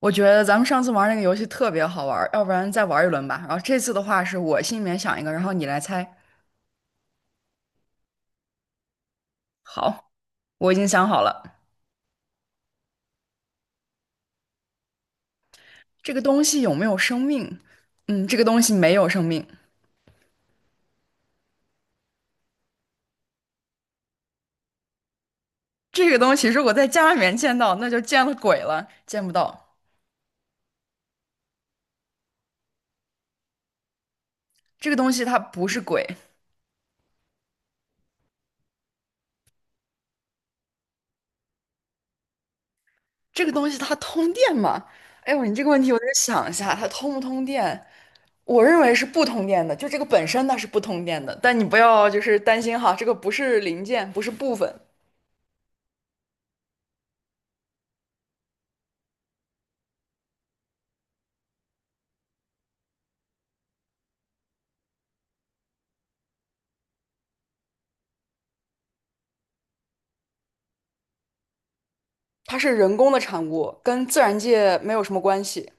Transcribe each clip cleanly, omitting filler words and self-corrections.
我觉得咱们上次玩那个游戏特别好玩儿，要不然再玩一轮吧。然后这次的话是我心里面想一个，然后你来猜。好，我已经想好了，这个东西有没有生命？嗯，这个东西没有生命。这个东西如果在家里面见到，那就见了鬼了，见不到。这个东西它不是鬼，这个东西它通电吗？哎呦，你这个问题我得想一下，它通不通电？我认为是不通电的，就这个本身它是不通电的，但你不要就是担心哈，这个不是零件，不是部分。它是人工的产物，跟自然界没有什么关系。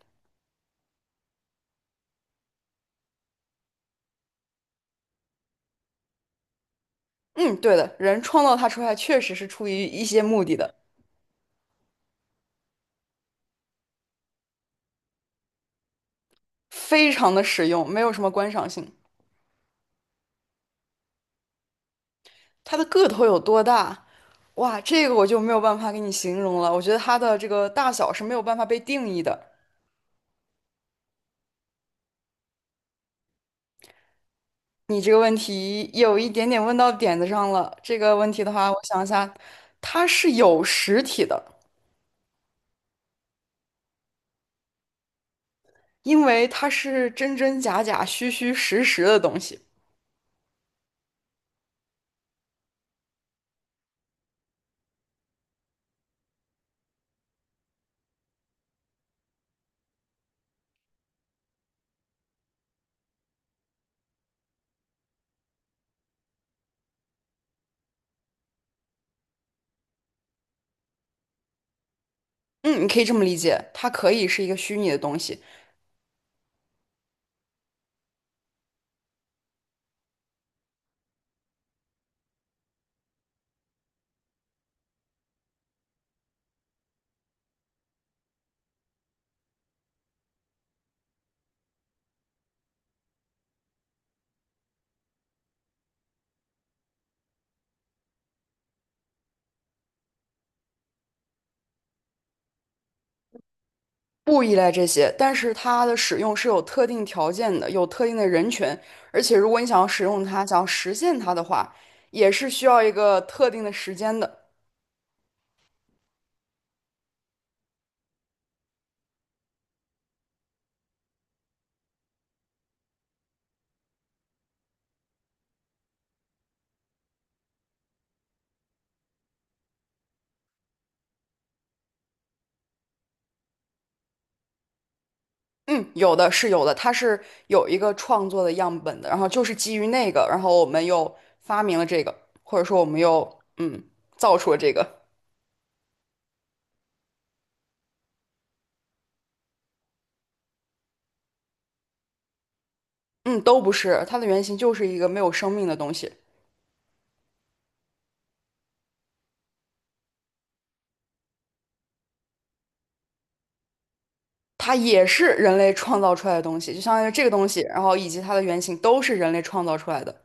嗯，对的，人创造它出来确实是出于一些目的的，非常的实用，没有什么观赏性。它的个头有多大？哇，这个我就没有办法给你形容了。我觉得它的这个大小是没有办法被定义的。你这个问题有一点点问到点子上了。这个问题的话，我想一下，它是有实体的，因为它是真真假假、虚虚实实的东西。嗯，你可以这么理解，它可以是一个虚拟的东西，不依赖这些，但是它的使用是有特定条件的，有特定的人群，而且如果你想要使用它，想要实现它的话，也是需要一个特定的时间的。嗯，有的是有的，它是有一个创作的样本的，然后就是基于那个，然后我们又发明了这个，或者说我们又造出了这个，嗯，都不是，它的原型就是一个没有生命的东西。它也是人类创造出来的东西，就相当于这个东西，然后以及它的原型都是人类创造出来的。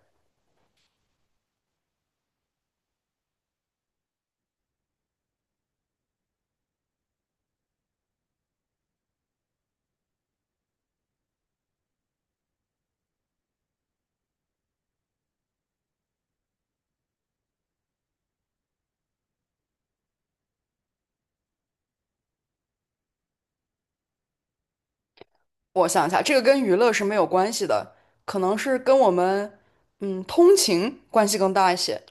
我想一下，这个跟娱乐是没有关系的，可能是跟我们通勤关系更大一些。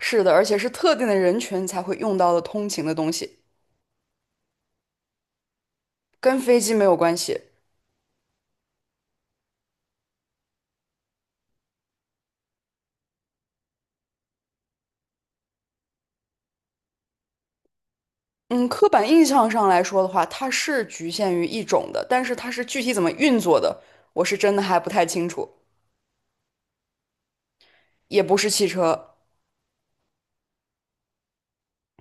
是的，而且是特定的人群才会用到的通勤的东西，跟飞机没有关系。嗯，刻板印象上来说的话，它是局限于一种的，但是它是具体怎么运作的，我是真的还不太清楚。也不是汽车，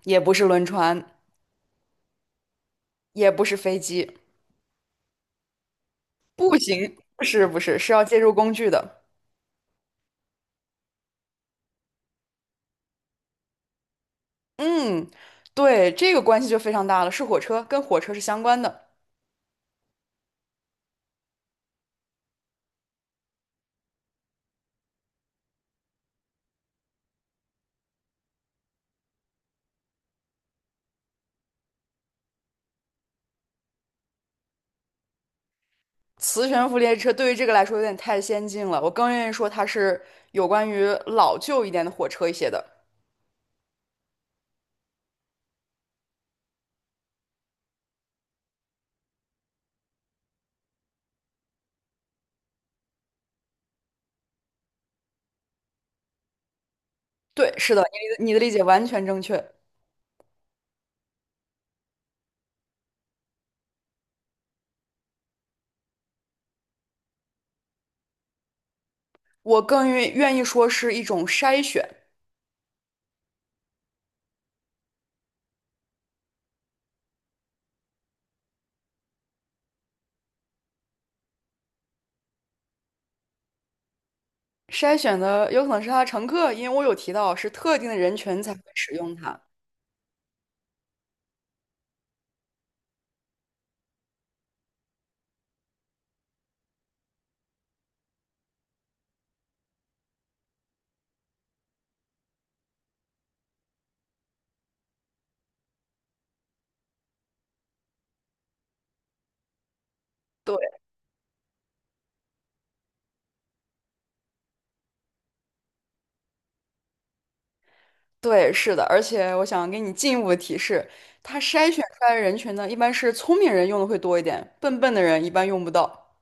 也不是轮船，也不是飞机。步行，不是不是，是要借助工具的。嗯，对，这个关系就非常大了，是火车，跟火车是相关的。磁悬浮列车对于这个来说有点太先进了，我更愿意说它是有关于老旧一点的火车一些的。对，是的，你的理解完全正确。我更愿意说是一种筛选，筛选的有可能是它的乘客，因为我有提到是特定的人群才会使用它。对。对，是的，而且我想给你进一步的提示，它筛选出来的人群呢，一般是聪明人用的会多一点，笨笨的人一般用不到，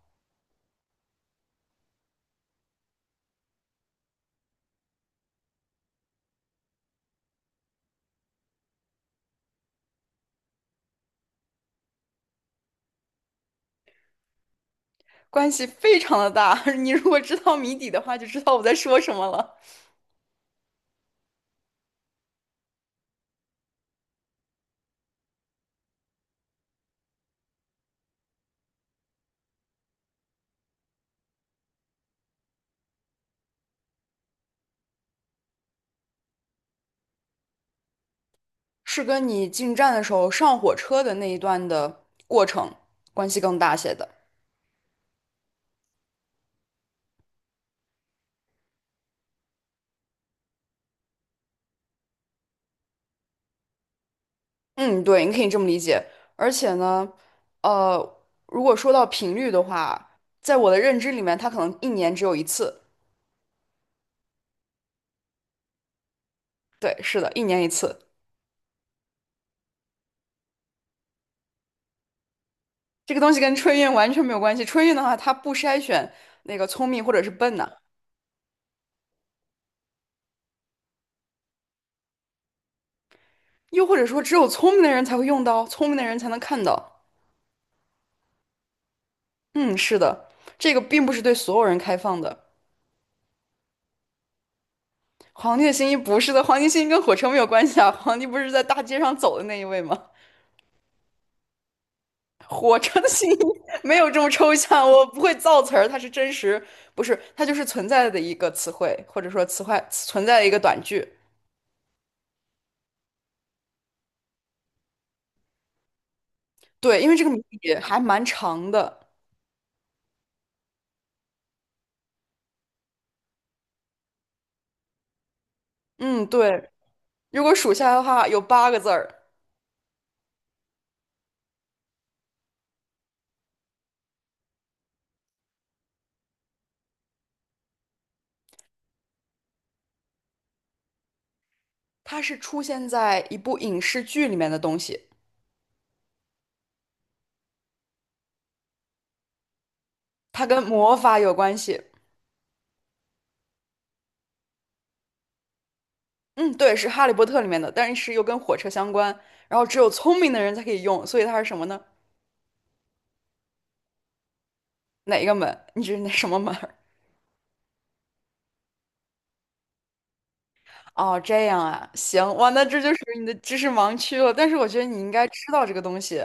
关系非常的大。你如果知道谜底的话，就知道我在说什么了。是跟你进站的时候上火车的那一段的过程关系更大些的。嗯，对，你可以这么理解。而且呢，呃，如果说到频率的话，在我的认知里面，它可能一年只有一次。对，是的，一年一次。这个东西跟春运完全没有关系。春运的话，它不筛选那个聪明或者是笨呐、又或者说只有聪明的人才会用到，聪明的人才能看到。嗯，是的，这个并不是对所有人开放的。皇帝的新衣不是的，皇帝新衣跟火车没有关系啊。皇帝不是在大街上走的那一位吗？火车的新衣没有这么抽象，我不会造词儿，它是真实，不是，它就是存在的一个词汇，或者说词汇存在的一个短句。对，因为这个谜底还蛮长的。嗯，对。如果数下来的话，有八个字儿，它是出现在一部影视剧里面的东西，它跟魔法有关系。嗯，对，是《哈利波特》里面的，但是又跟火车相关。然后只有聪明的人才可以用，所以它是什么呢？哪一个门？你这是哪什么门儿哦，这样啊，行，哇，那这就属于你的知识盲区了。但是我觉得你应该知道这个东西。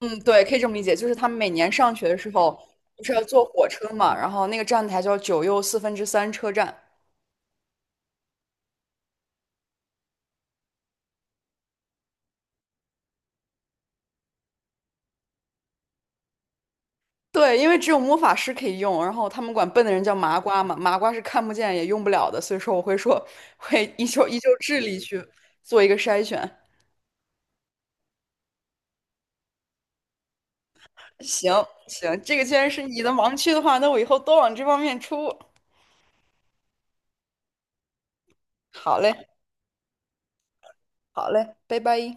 嗯，对，可以这么理解，就是他们每年上学的时候，不是要坐火车嘛，然后那个站台叫9¾车站。对，因为只有魔法师可以用，然后他们管笨的人叫麻瓜嘛，麻瓜是看不见也用不了的，所以说我会说会依旧智力去做一个筛选。行行，这个既然是你的盲区的话，那我以后多往这方面出。好嘞，好嘞，拜拜。